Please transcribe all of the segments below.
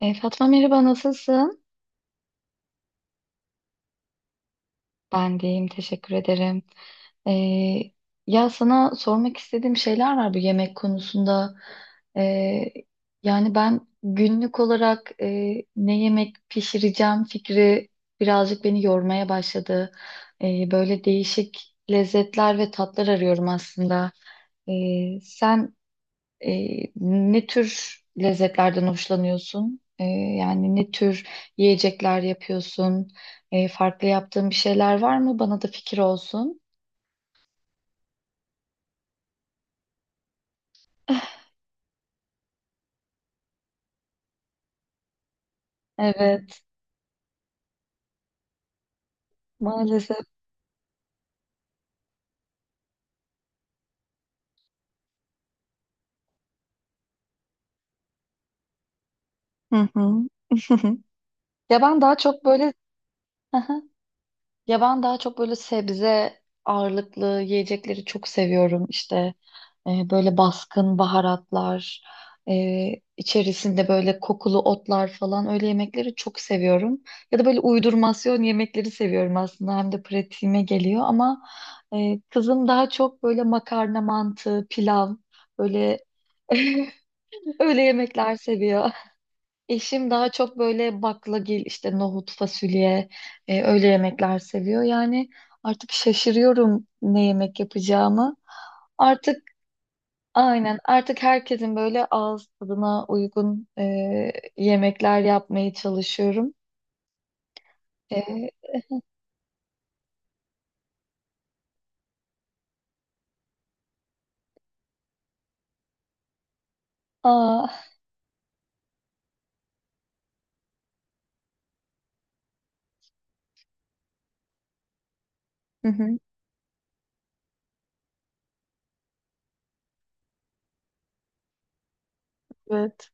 Fatma merhaba nasılsın? Ben de iyiyim teşekkür ederim. E, Ya sana sormak istediğim şeyler var bu yemek konusunda. E, Yani ben günlük olarak ne yemek pişireceğim fikri birazcık beni yormaya başladı. Böyle değişik lezzetler ve tatlar arıyorum aslında. E, sen Ne tür lezzetlerden hoşlanıyorsun? Yani ne tür yiyecekler yapıyorsun? Farklı yaptığın bir şeyler var mı? Bana da fikir olsun. Evet, maalesef. Hı hı. Ya ben daha çok böyle Ya ben daha çok böyle sebze ağırlıklı yiyecekleri çok seviyorum. İşte böyle baskın baharatlar, e, içerisinde böyle kokulu otlar falan öyle yemekleri çok seviyorum. Ya da böyle uydurmasyon yemekleri seviyorum aslında. Hem de pratiğime geliyor ama kızım daha çok böyle makarna, mantı, pilav böyle öyle yemekler seviyor. Eşim daha çok böyle baklagil, işte nohut, fasulye, öyle yemekler seviyor. Yani artık şaşırıyorum ne yemek yapacağımı. Artık aynen artık herkesin böyle ağız tadına uygun yemekler yapmaya çalışıyorum. E, aa, hı hı, evet.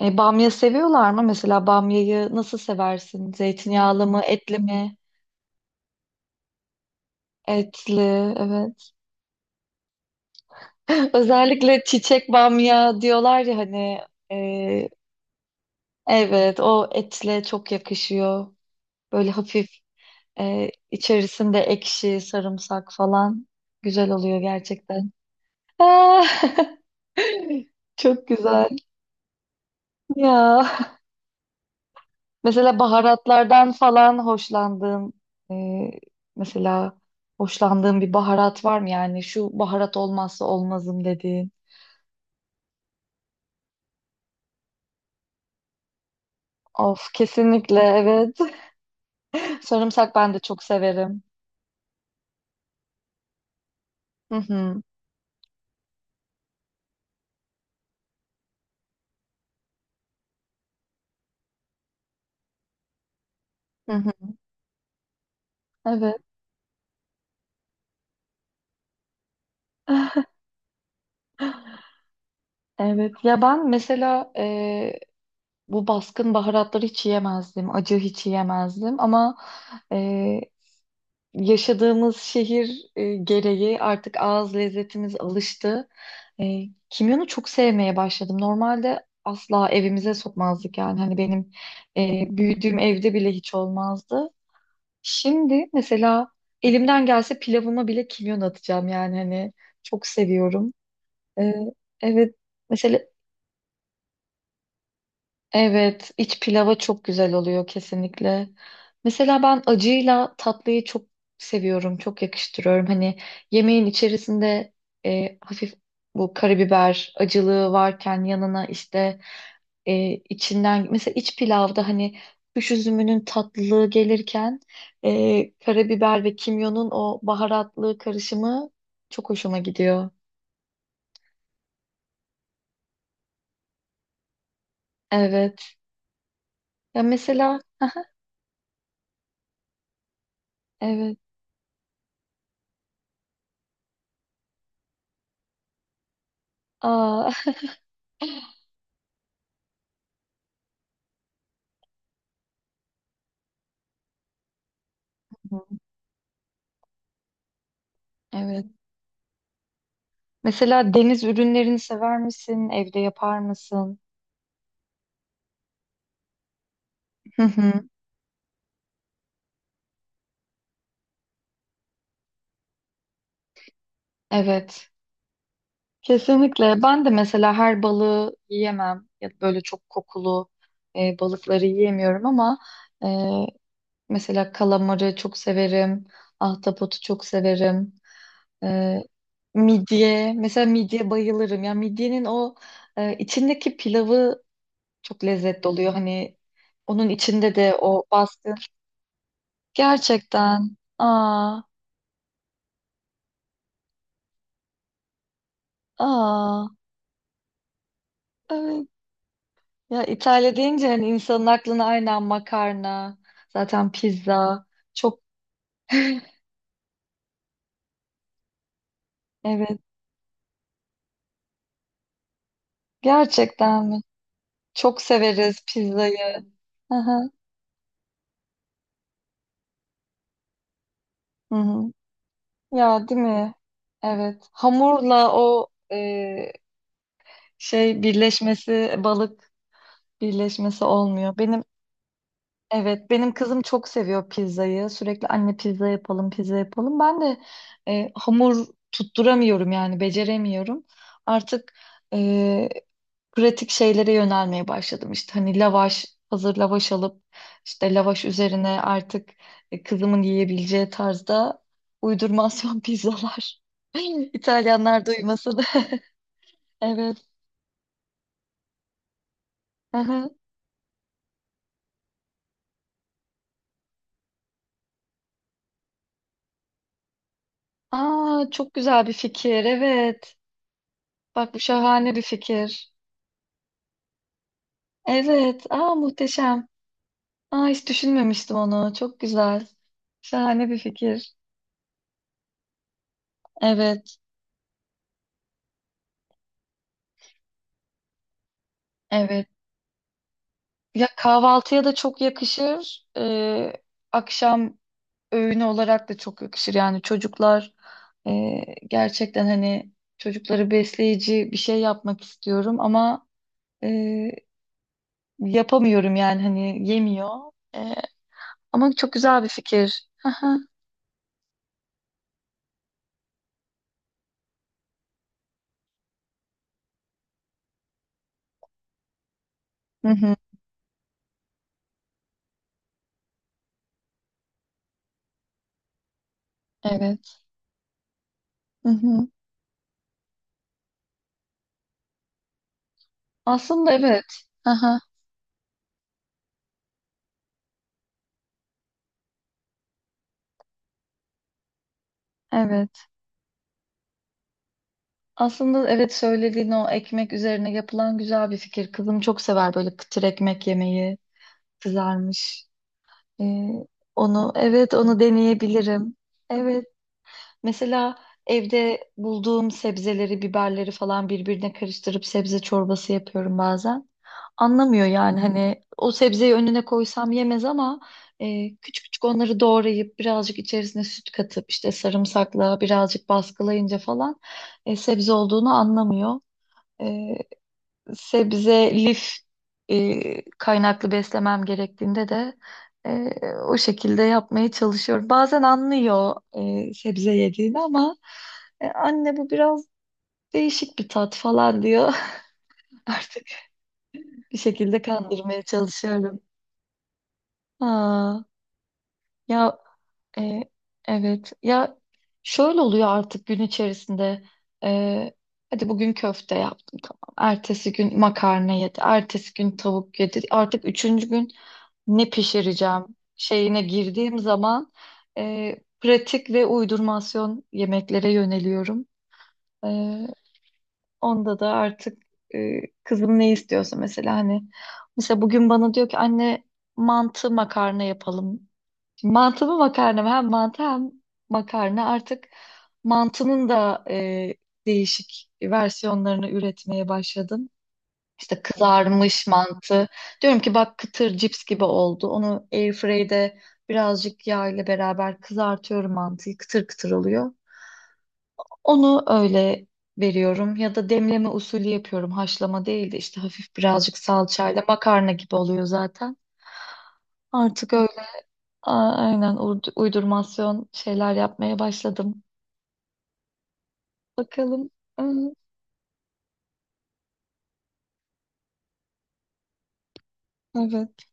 Bamya seviyorlar mı? Mesela bamyayı nasıl seversin? Zeytinyağlı mı, etli mi? Etli, evet. Özellikle çiçek bamya diyorlar ya hani e, evet, o etle çok yakışıyor. Böyle hafif içerisinde ekşi, sarımsak falan güzel oluyor gerçekten. Ah! Çok güzel ya. Mesela baharatlardan falan hoşlandığın e, mesela hoşlandığın bir baharat var mı yani şu baharat olmazsa olmazım dediğin. Of kesinlikle evet. Sarımsak ben de çok severim. Hı hı. Hı hı. Evet. Evet ya ben mesela bu baskın baharatları hiç yiyemezdim. Acı hiç yiyemezdim ama e, yaşadığımız şehir gereği artık ağız lezzetimiz alıştı. E, Kimyonu çok sevmeye başladım. Normalde asla evimize sokmazdık yani hani benim büyüdüğüm evde bile hiç olmazdı. Şimdi mesela elimden gelse pilavıma bile kimyon atacağım yani hani çok seviyorum. E, evet. Mesela evet, iç pilava çok güzel oluyor kesinlikle. Mesela ben acıyla tatlıyı çok seviyorum, çok yakıştırıyorum. Hani yemeğin içerisinde hafif bu karabiber acılığı varken yanına işte içinden mesela iç pilavda hani kuş üzümünün tatlılığı gelirken karabiber ve kimyonun o baharatlı karışımı çok hoşuma gidiyor. Evet. Ya mesela evet. Aa, evet. Mesela deniz ürünlerini sever misin? Evde yapar mısın? Hı hı. Evet. Kesinlikle. Ben de mesela her balığı yiyemem. Ya da böyle çok kokulu balıkları yiyemiyorum ama e, mesela kalamarı çok severim. Ahtapotu çok severim. E, Midye. Mesela midye bayılırım. Ya midyenin o içindeki pilavı çok lezzetli oluyor. Hani onun içinde de o baskı. Gerçekten. Aa, aa. Evet. Ya İtalya deyince hani insanın aklına aynen makarna, zaten pizza. Çok evet. Gerçekten mi? Çok severiz pizzayı. Hı hı. Hı hı. Ya değil mi? Evet. Hamurla o birleşmesi, balık birleşmesi olmuyor. Benim evet, benim kızım çok seviyor pizzayı. Sürekli anne pizza yapalım, pizza yapalım. Ben de hamur tutturamıyorum yani beceremiyorum. Artık e, pratik şeylere yönelmeye başladım. İşte hani lavaş, hazır lavaş alıp işte lavaş üzerine artık kızımın yiyebileceği tarzda uydurmasyon pizzalar. İtalyanlar duymasın. Evet. Aha. Aa, çok güzel bir fikir. Evet. Bak bu şahane bir fikir. Evet. Aa muhteşem. Aa hiç düşünmemiştim onu. Çok güzel. Şahane bir fikir. Evet. Evet. Ya kahvaltıya da çok yakışır. Akşam öğün olarak da çok yakışır. Yani çocuklar e, gerçekten hani çocukları besleyici bir şey yapmak istiyorum ama e, yapamıyorum yani hani yemiyor. E, Ama çok güzel bir fikir. Aha. Hı hı. Evet. Hı hı. Aslında evet. Aha. Evet. Aslında evet söylediğin o ekmek üzerine yapılan güzel bir fikir. Kızım çok sever böyle kıtır ekmek yemeyi. Kızarmış. E, onu evet onu deneyebilirim. Evet. Mesela evde bulduğum sebzeleri, biberleri falan birbirine karıştırıp sebze çorbası yapıyorum bazen. Anlamıyor yani hani o sebzeyi önüne koysam yemez ama küçük küçük onları doğrayıp birazcık içerisine süt katıp işte sarımsakla birazcık baskılayınca falan sebze olduğunu anlamıyor. E, Sebze, lif kaynaklı beslemem gerektiğinde de e, o şekilde yapmaya çalışıyorum. Bazen anlıyor sebze yediğini ama anne bu biraz değişik bir tat falan diyor. Artık bir şekilde kandırmaya çalışıyorum. Aa, ya e, evet ya şöyle oluyor artık gün içerisinde E, hadi bugün köfte yap. Ertesi gün makarna yedi. Ertesi gün tavuk yedi. Artık üçüncü gün ne pişireceğim şeyine girdiğim zaman pratik ve uydurmasyon yemeklere yöneliyorum. E, Onda da artık kızım ne istiyorsa mesela hani mesela bugün bana diyor ki anne mantı makarna yapalım. Mantı mı makarna mı? Hem mantı hem makarna. Artık mantının da değişik versiyonlarını üretmeye başladım. İşte kızarmış mantı. Diyorum ki bak kıtır cips gibi oldu. Onu airfryde birazcık yağ ile beraber kızartıyorum mantıyı. Kıtır kıtır oluyor. Onu öyle veriyorum ya da demleme usulü yapıyorum. Haşlama değil de işte hafif birazcık salçayla makarna gibi oluyor zaten. Artık öyle uydurmasyon şeyler yapmaya başladım. Bakalım. Hı, evet.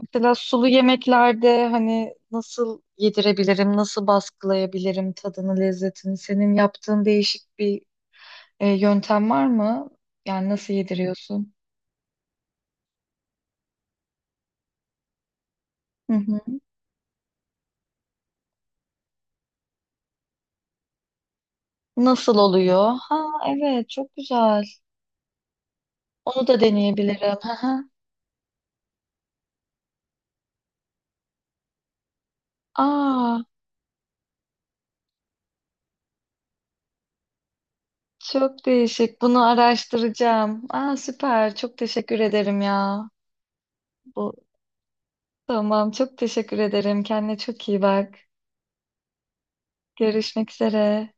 Mesela sulu yemeklerde hani nasıl yedirebilirim, nasıl baskılayabilirim tadını, lezzetini? Senin yaptığın değişik bir yöntem var mı? Yani nasıl yediriyorsun? Hı hı. Nasıl oluyor? Ha evet çok güzel. Onu da deneyebilirim. Hı hı. Aa çok değişik. Bunu araştıracağım. Aa süper. Çok teşekkür ederim ya. Bu tamam çok teşekkür ederim. Kendine çok iyi bak. Görüşmek üzere.